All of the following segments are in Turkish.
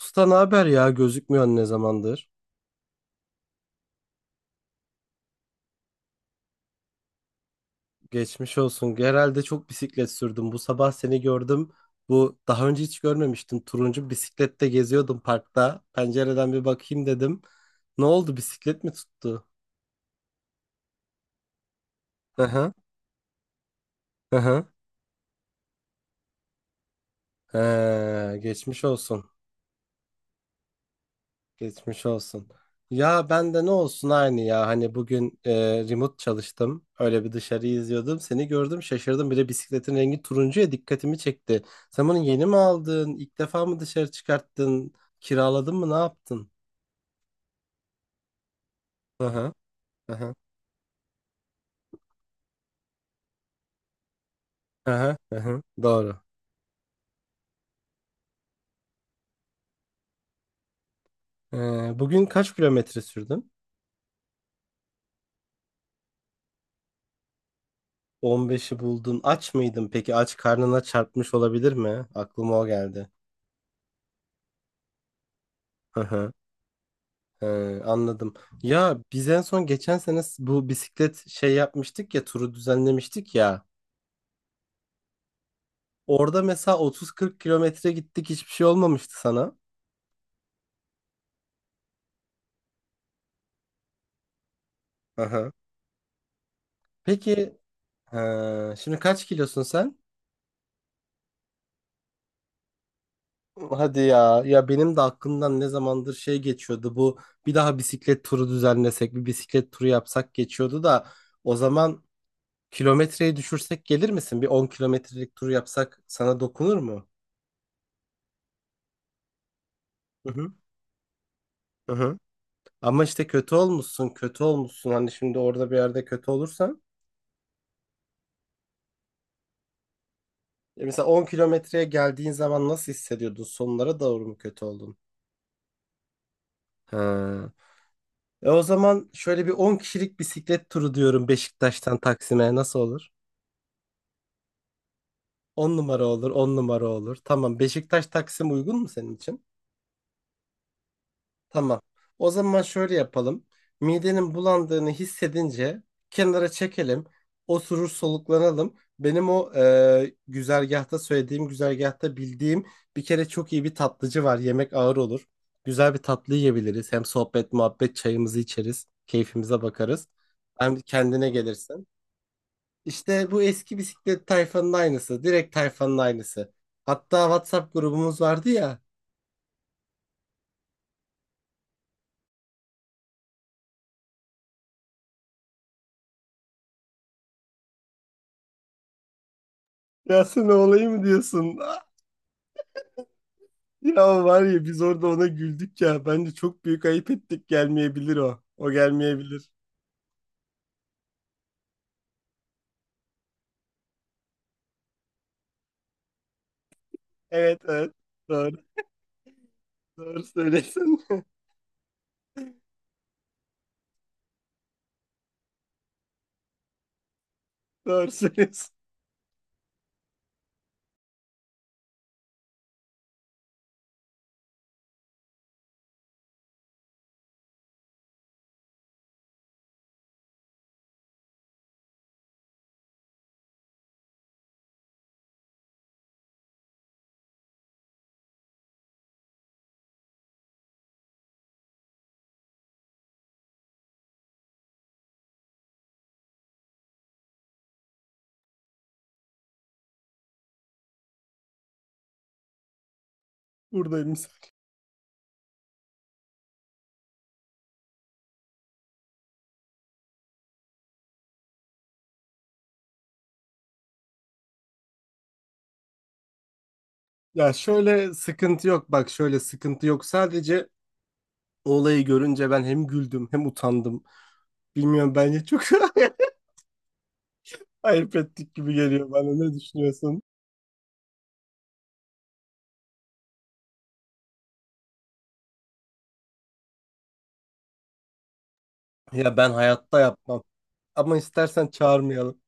Usta ne haber ya? Gözükmüyorsun ne zamandır? Geçmiş olsun. Herhalde çok bisiklet sürdüm. Bu sabah seni gördüm. Bu daha önce hiç görmemiştim. Turuncu bisiklette geziyordum parkta. Pencereden bir bakayım dedim. Ne oldu? Bisiklet mi tuttu? Hı hı. Hı hı. Geçmiş olsun. Geçmiş olsun. Ya ben de ne olsun aynı ya. Hani bugün remote çalıştım. Öyle bir dışarıyı izliyordum. Seni gördüm şaşırdım. Bir de bisikletin rengi turuncuya dikkatimi çekti. Sen bunu yeni mi aldın? İlk defa mı dışarı çıkarttın? Kiraladın mı? Ne yaptın? Hı hı. Hı hı. Hı hı. Hı hı. Doğru. E, bugün kaç kilometre sürdün? 15'i buldun. Aç mıydın peki? Aç karnına çarpmış olabilir mi? Aklıma o geldi. He, anladım. Ya biz en son geçen sene bu bisiklet şey yapmıştık ya turu düzenlemiştik ya. Orada mesela 30-40 kilometre gittik hiçbir şey olmamıştı sana. Aha. Peki he, şimdi kaç kilosun sen? Hadi ya ya benim de aklımdan ne zamandır şey geçiyordu bu bir daha bisiklet turu düzenlesek bir bisiklet turu yapsak geçiyordu da o zaman kilometreyi düşürsek gelir misin? Bir 10 kilometrelik tur yapsak sana dokunur mu? Hı hı. Hı hı. Ama işte kötü olmuşsun, kötü olmuşsun. Hani şimdi orada bir yerde kötü olursan. E mesela 10 kilometreye geldiğin zaman nasıl hissediyordun? Sonlara doğru mu kötü oldun? Ha. E o zaman şöyle bir 10 kişilik bisiklet turu diyorum Beşiktaş'tan Taksim'e nasıl olur? 10 numara olur, 10 numara olur. Tamam, Beşiktaş Taksim uygun mu senin için? Tamam. O zaman şöyle yapalım. Midenin bulandığını hissedince kenara çekelim. Oturur soluklanalım. Benim o güzergahta söylediğim güzergahta bildiğim bir kere çok iyi bir tatlıcı var. Yemek ağır olur. Güzel bir tatlı yiyebiliriz. Hem sohbet, muhabbet, çayımızı içeriz. Keyfimize bakarız. Hem kendine gelirsin. İşte bu eski bisiklet tayfanın aynısı. Direkt tayfanın aynısı. Hatta WhatsApp grubumuz vardı ya. Ya sen olayım mı diyorsun? Ya var ya, biz orada ona güldük ya. Bence çok büyük ayıp ettik. Gelmeyebilir o. O gelmeyebilir. Evet evet. Doğru. Doğru söylüyorsun. Doğru söylüyorsun. Buradayım. Ya şöyle sıkıntı yok. Bak şöyle sıkıntı yok. Sadece o olayı görünce ben hem güldüm hem utandım. Bilmiyorum bence çok ayıp ettik gibi geliyor bana. Ne düşünüyorsun? Ya ben hayatta yapmam. Ama istersen çağırmayalım.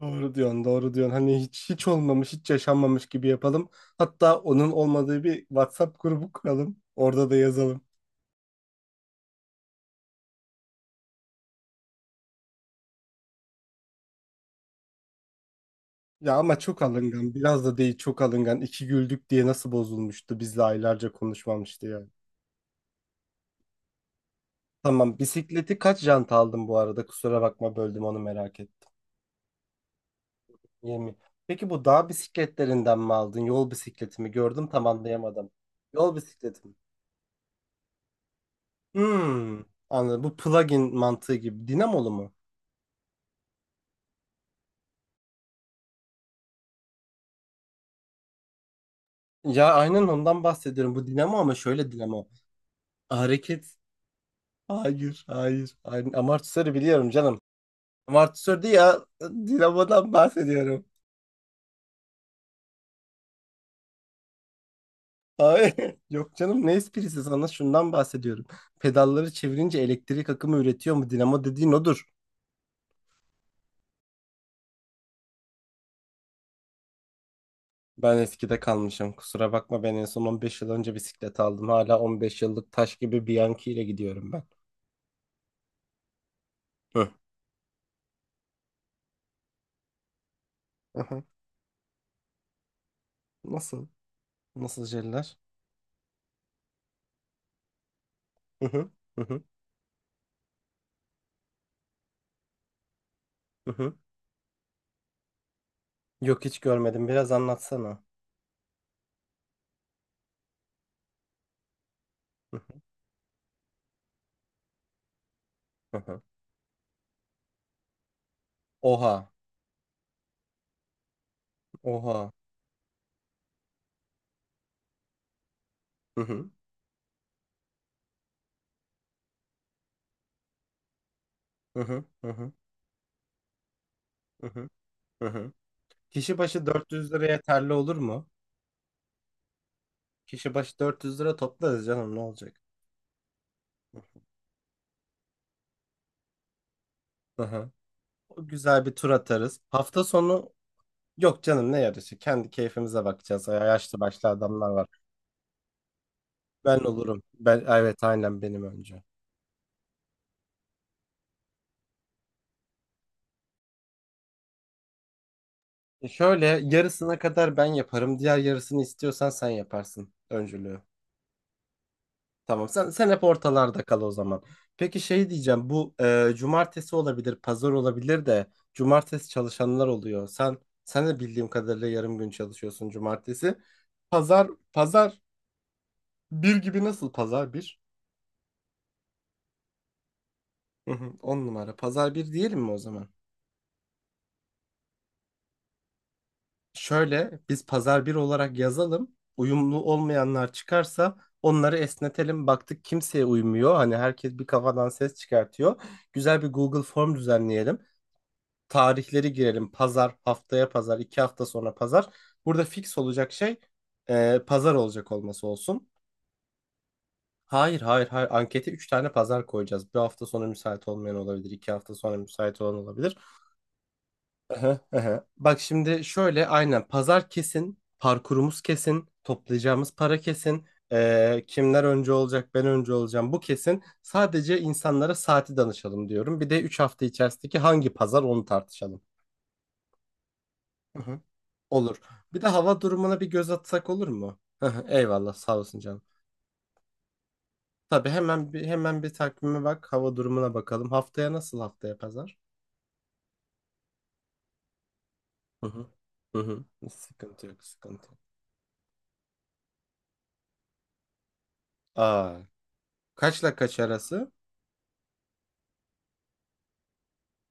Doğru diyorsun, doğru diyorsun. Hani hiç hiç olmamış, hiç yaşanmamış gibi yapalım. Hatta onun olmadığı bir WhatsApp grubu kuralım. Orada da yazalım. Ya ama çok alıngan, biraz da değil çok alıngan. İki güldük diye nasıl bozulmuştu? Bizle aylarca konuşmamıştı yani. Tamam, bisikleti kaç jant aldın bu arada? Kusura bakma, böldüm, onu merak ettim. 20. Peki bu dağ bisikletlerinden mi aldın? Yol bisikleti mi? Gördüm, tam anlayamadım. Yol bisikleti mi? Hmm, Anladım. Bu plug-in mantığı gibi. Dinamolu mu? Ya aynen ondan bahsediyorum. Bu dinamo ama şöyle dinamo. Hareket. Hayır, hayır. Aynen. Amortisörü biliyorum canım. Amortisör değil ya. Dinamodan bahsediyorum. Hayır. Yok canım, ne esprisi, sana şundan bahsediyorum. Pedalları çevirince elektrik akımı üretiyor mu? Dinamo dediğin odur. Ben eskide kalmışım. Kusura bakma, ben en son 15 yıl önce bisiklet aldım. Hala 15 yıllık taş gibi Bianchi ile gidiyorum ben. Hı. Aha. Nasıl? Nasıl jeller? Hı hı. Hı hı. Hı hı. Yok, hiç görmedim. Biraz anlatsana. Hı hı, hı hı. Oha. Oha. Hı hı, hı hı, hı hı, hı hı, hı hı. Kişi başı 400 lira yeterli olur mu? Kişi başı 400 lira toplarız canım, ne olacak? Hı hı. O güzel bir tur atarız. Hafta sonu yok canım, ne yarışı? Kendi keyfimize bakacağız. Ya yaşlı başlı adamlar var. Ben olurum. Ben evet, aynen, benim önce. E, şöyle yarısına kadar ben yaparım. Diğer yarısını istiyorsan sen yaparsın öncülüğü. Tamam sen, sen hep ortalarda kal o zaman. Peki şey diyeceğim, bu cumartesi olabilir, pazar olabilir de cumartesi çalışanlar oluyor. Sen de bildiğim kadarıyla yarım gün çalışıyorsun cumartesi. Pazar pazar bir gibi, nasıl, pazar bir? Hı hı, on numara. Pazar bir diyelim mi o zaman? Şöyle, biz pazar bir olarak yazalım. Uyumlu olmayanlar çıkarsa onları esnetelim. Baktık kimseye uymuyor. Hani herkes bir kafadan ses çıkartıyor. Güzel bir Google form düzenleyelim. Tarihleri girelim. Pazar, haftaya pazar, 2 hafta sonra pazar. Burada fix olacak şey pazar olacak olması olsun. Hayır, hayır, hayır. Ankete 3 tane pazar koyacağız. Bir hafta sonra müsait olmayan olabilir. 2 hafta sonra müsait olan olabilir. Aha, aha. Bak şimdi şöyle, aynen pazar kesin. Parkurumuz kesin. Toplayacağımız para kesin. E, kimler önce olacak, ben önce olacağım. Bu kesin. Sadece insanlara saati danışalım diyorum. Bir de 3 hafta içerisindeki hangi pazar, onu tartışalım. Hı hı. Olur. Bir de hava durumuna bir göz atsak olur mu? Eyvallah, sağ olsun canım. Tabii, hemen bir takvime bak, hava durumuna bakalım. Haftaya nasıl, haftaya pazar? Hı hı. Hı hı. Sıkıntı yok, sıkıntı yok. Aa, kaçla kaç arası?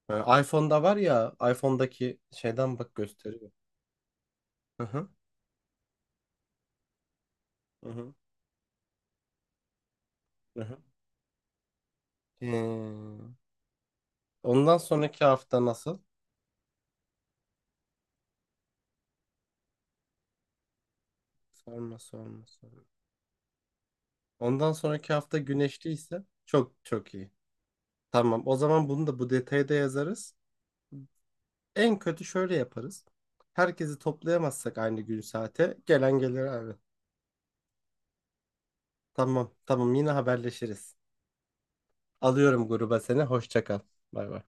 Ha, iPhone'da var ya, iPhone'daki şeyden bak, gösteriyor. Hı hı. Hı hı. Hı hı. Hmm. Ondan sonraki hafta nasıl? Sorma, sorma, sorma. Ondan sonraki hafta güneşliyse çok çok iyi. Tamam. O zaman bunu da bu detayda yazarız. En kötü şöyle yaparız. Herkesi toplayamazsak aynı gün saate gelen gelir abi. Tamam tamam, yine haberleşiriz. Alıyorum gruba seni. Hoşça kal. Bay bay.